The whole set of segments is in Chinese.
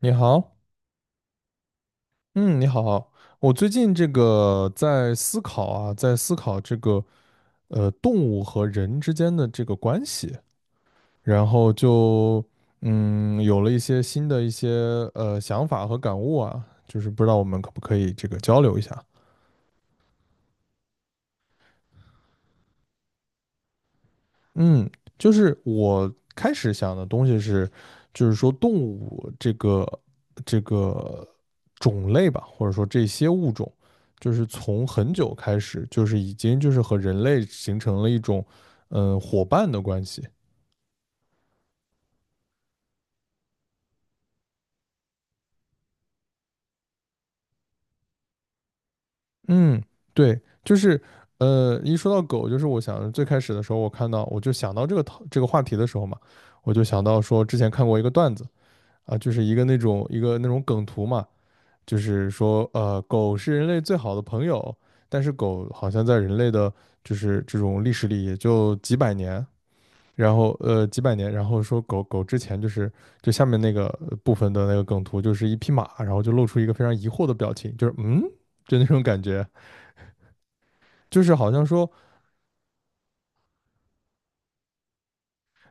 你好。嗯，你好。我最近这个在思考啊，在思考这个动物和人之间的这个关系，然后就有了一些新的一些想法和感悟啊，就是不知道我们可不可以这个交流一下。嗯，就是我开始想的东西是，就是说动物这个种类吧，或者说这些物种，就是从很久开始，就是已经就是和人类形成了一种伙伴的关系。嗯，对，就是一说到狗，就是我想最开始的时候，我看到我就想到这个这个话题的时候嘛，我就想到说之前看过一个段子啊，就是一个那种梗图嘛。就是说，狗是人类最好的朋友，但是狗好像在人类的，就是这种历史里也就几百年，然后几百年，然后说狗狗之前就是就下面那个部分的那个梗图，就是一匹马，然后就露出一个非常疑惑的表情，就是就那种感觉，就是好像说，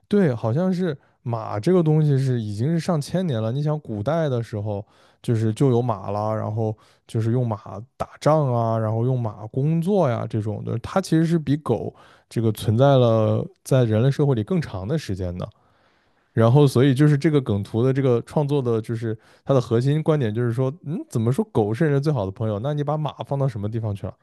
对，好像是马这个东西是已经是上千年了。你想，古代的时候就是就有马啦，然后就是用马打仗啊，然后用马工作呀这种的，它其实是比狗这个存在了在人类社会里更长的时间的。然后，所以就是这个梗图的这个创作的，就是它的核心观点就是说，怎么说狗是人类最好的朋友？那你把马放到什么地方去了？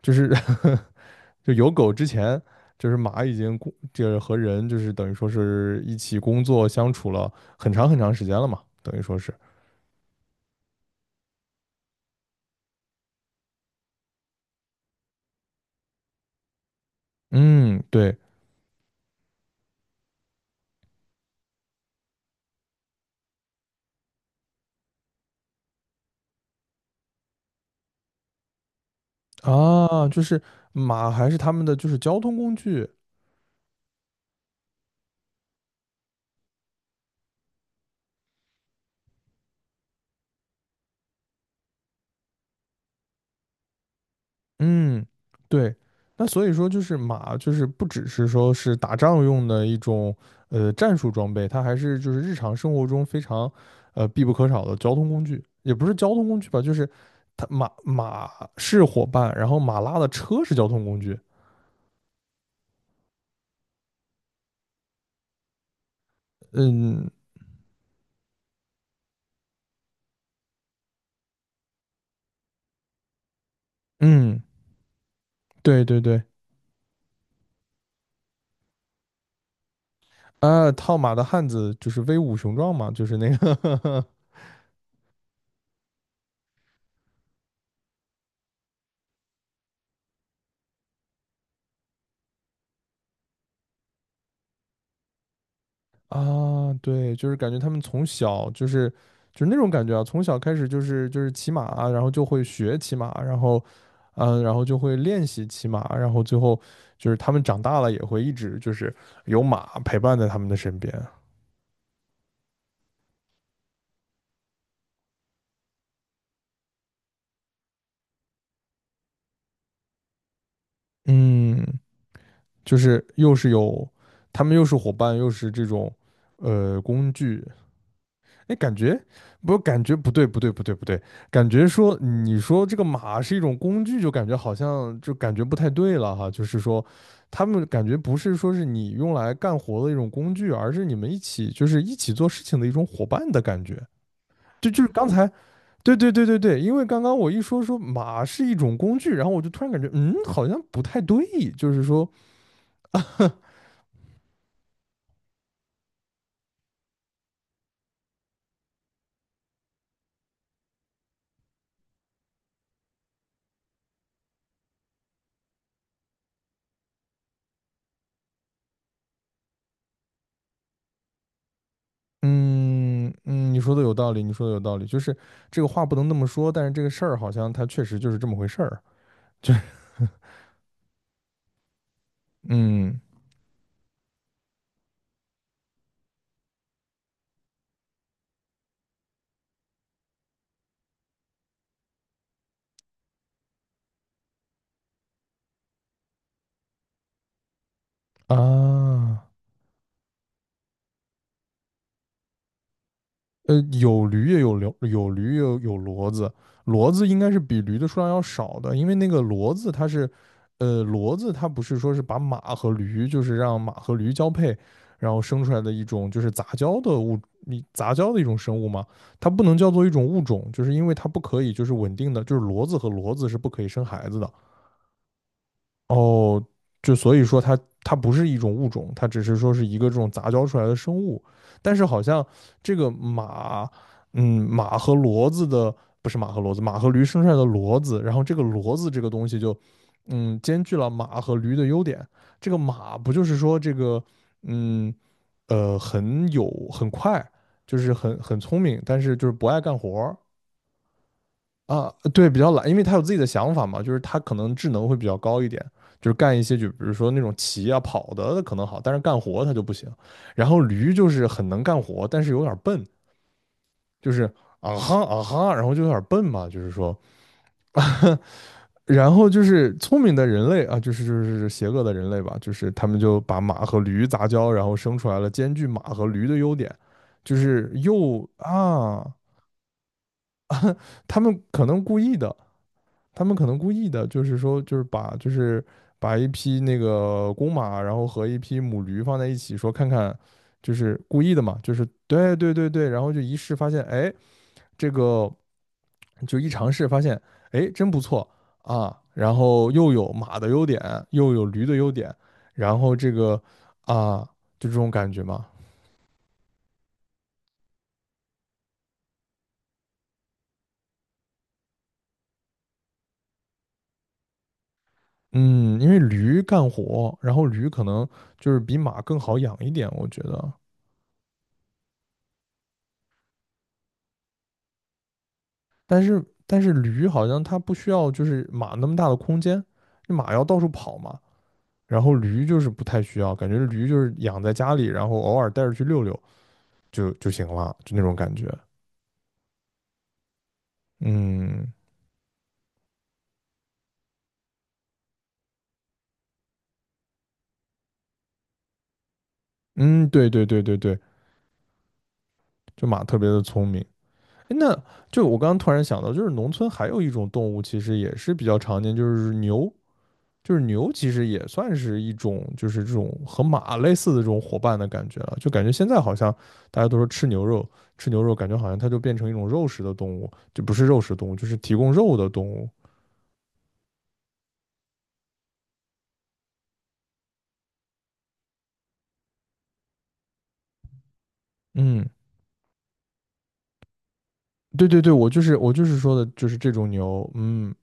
就是 就有狗之前，就是马已经就是和人就是等于说是一起工作相处了很长很长时间了嘛，等于说是，嗯，对啊，就是马还是他们的就是交通工具。嗯，对，那所以说就是马就是不只是说是打仗用的一种战术装备，它还是就是日常生活中非常必不可少的交通工具，也不是交通工具吧，就是它马是伙伴，然后马拉的车是交通工具。嗯嗯，对对对，啊，套马的汉子就是威武雄壮嘛，就是那个 啊，对，就是感觉他们从小就是那种感觉啊，从小开始就是骑马啊，然后就会学骑马，然后就会练习骑马，然后最后就是他们长大了也会一直就是有马陪伴在他们的身边。嗯，就是又是有他们又是伙伴，又是这种工具，哎，感觉不对，不对，不对，不对。感觉说你说这个马是一种工具，就感觉好像就感觉不太对了哈。就是说，他们感觉不是说是你用来干活的一种工具，而是你们一起就是一起做事情的一种伙伴的感觉。就是刚才，对对对对对，因为刚刚我一说马是一种工具，然后我就突然感觉好像不太对，就是说。嗯嗯，你说的有道理，你说的有道理，就是这个话不能那么说，但是这个事儿好像它确实就是这么回事儿。嗯啊，呃，有驴也有骡子。骡子应该是比驴的数量要少的，因为那个骡子它是，骡子它不是说是把马和驴，就是让马和驴交配，然后生出来的一种就是杂交的物，你杂交的一种生物嘛，它不能叫做一种物种，就是因为它不可以就是稳定的，就是骡子和骡子是不可以生孩子的。哦，就所以说它不是一种物种，它只是说是一个这种杂交出来的生物。但是好像这个马，嗯，马和骡子的不是马和骡子，马和驴生出来的骡子，然后这个骡子这个东西就，兼具了马和驴的优点。这个马不就是说这个，嗯，很快，就是很聪明，但是就是不爱干活儿。啊，对，比较懒，因为他有自己的想法嘛，就是他可能智能会比较高一点，就是干一些就比如说那种骑啊跑的可能好，但是干活他就不行。然后驴就是很能干活，但是有点笨，就是啊哈啊哈，然后就有点笨嘛，就是说。然后就是聪明的人类啊，就是邪恶的人类吧，就是他们就把马和驴杂交，然后生出来了兼具马和驴的优点，就是又啊，他们可能故意的，他们可能故意的，就是说，就是把一匹那个公马，然后和一匹母驴放在一起，说看看，就是故意的嘛，就是对对对对，然后就一试发现，哎，这个就一尝试发现，哎，真不错啊，然后又有马的优点，又有驴的优点，然后这个啊，就这种感觉嘛。嗯，因为驴干活，然后驴可能就是比马更好养一点，我觉得。但是驴好像它不需要就是马那么大的空间，马要到处跑嘛，然后驴就是不太需要，感觉驴就是养在家里，然后偶尔带着去溜溜就行了，就那种感觉。嗯嗯，对对对对对，就马特别的聪明。诶那就我刚刚突然想到，就是农村还有一种动物，其实也是比较常见，就是牛。就是牛其实也算是一种，就是这种和马类似的这种伙伴的感觉了。就感觉现在好像大家都说吃牛肉，吃牛肉感觉好像它就变成一种肉食的动物，就不是肉食动物，就是提供肉的动物。嗯，对对对，我就是说的，就是这种牛。嗯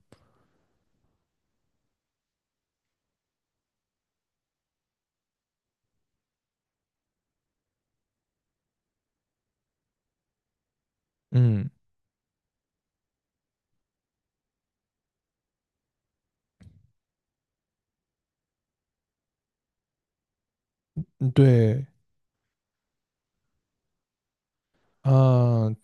嗯，嗯对啊，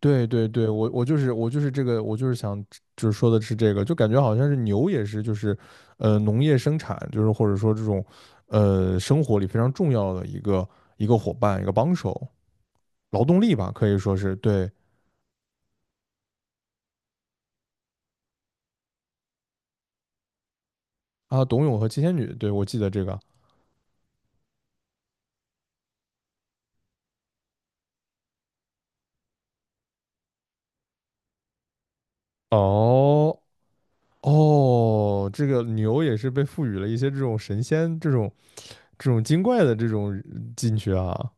对对对，我就是这个，我就是想就是说的是这个，就感觉好像是牛也是就是，农业生产就是或者说这种，生活里非常重要的一个伙伴一个帮手，劳动力吧，可以说是。对啊，董永和七仙女，对，我记得这个。哦哦，这个牛也是被赋予了一些这种神仙这种精怪的这种进去啊。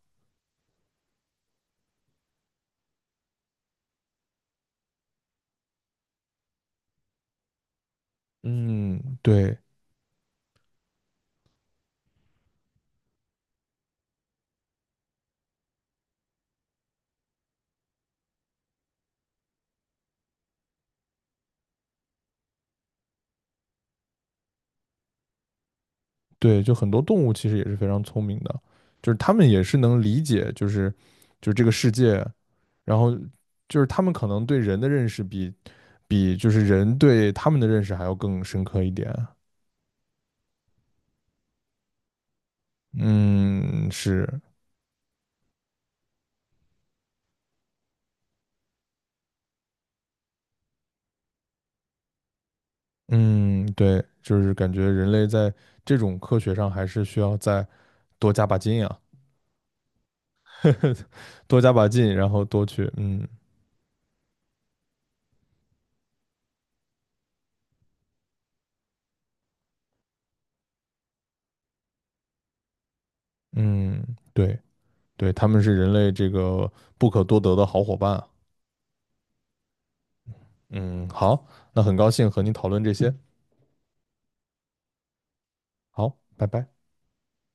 嗯，对，对，就很多动物其实也是非常聪明的，就是它们也是能理解，就是这个世界，然后就是它们可能对人的认识比就是人对它们的认识还要更深刻一点。嗯，是，嗯，对，就是感觉人类在这种科学上还是需要再多加把劲啊。多加把劲，然后多去，嗯嗯，对对，他们是人类这个不可多得的好伙伴啊。嗯，好，那很高兴和你讨论这些。好，拜拜。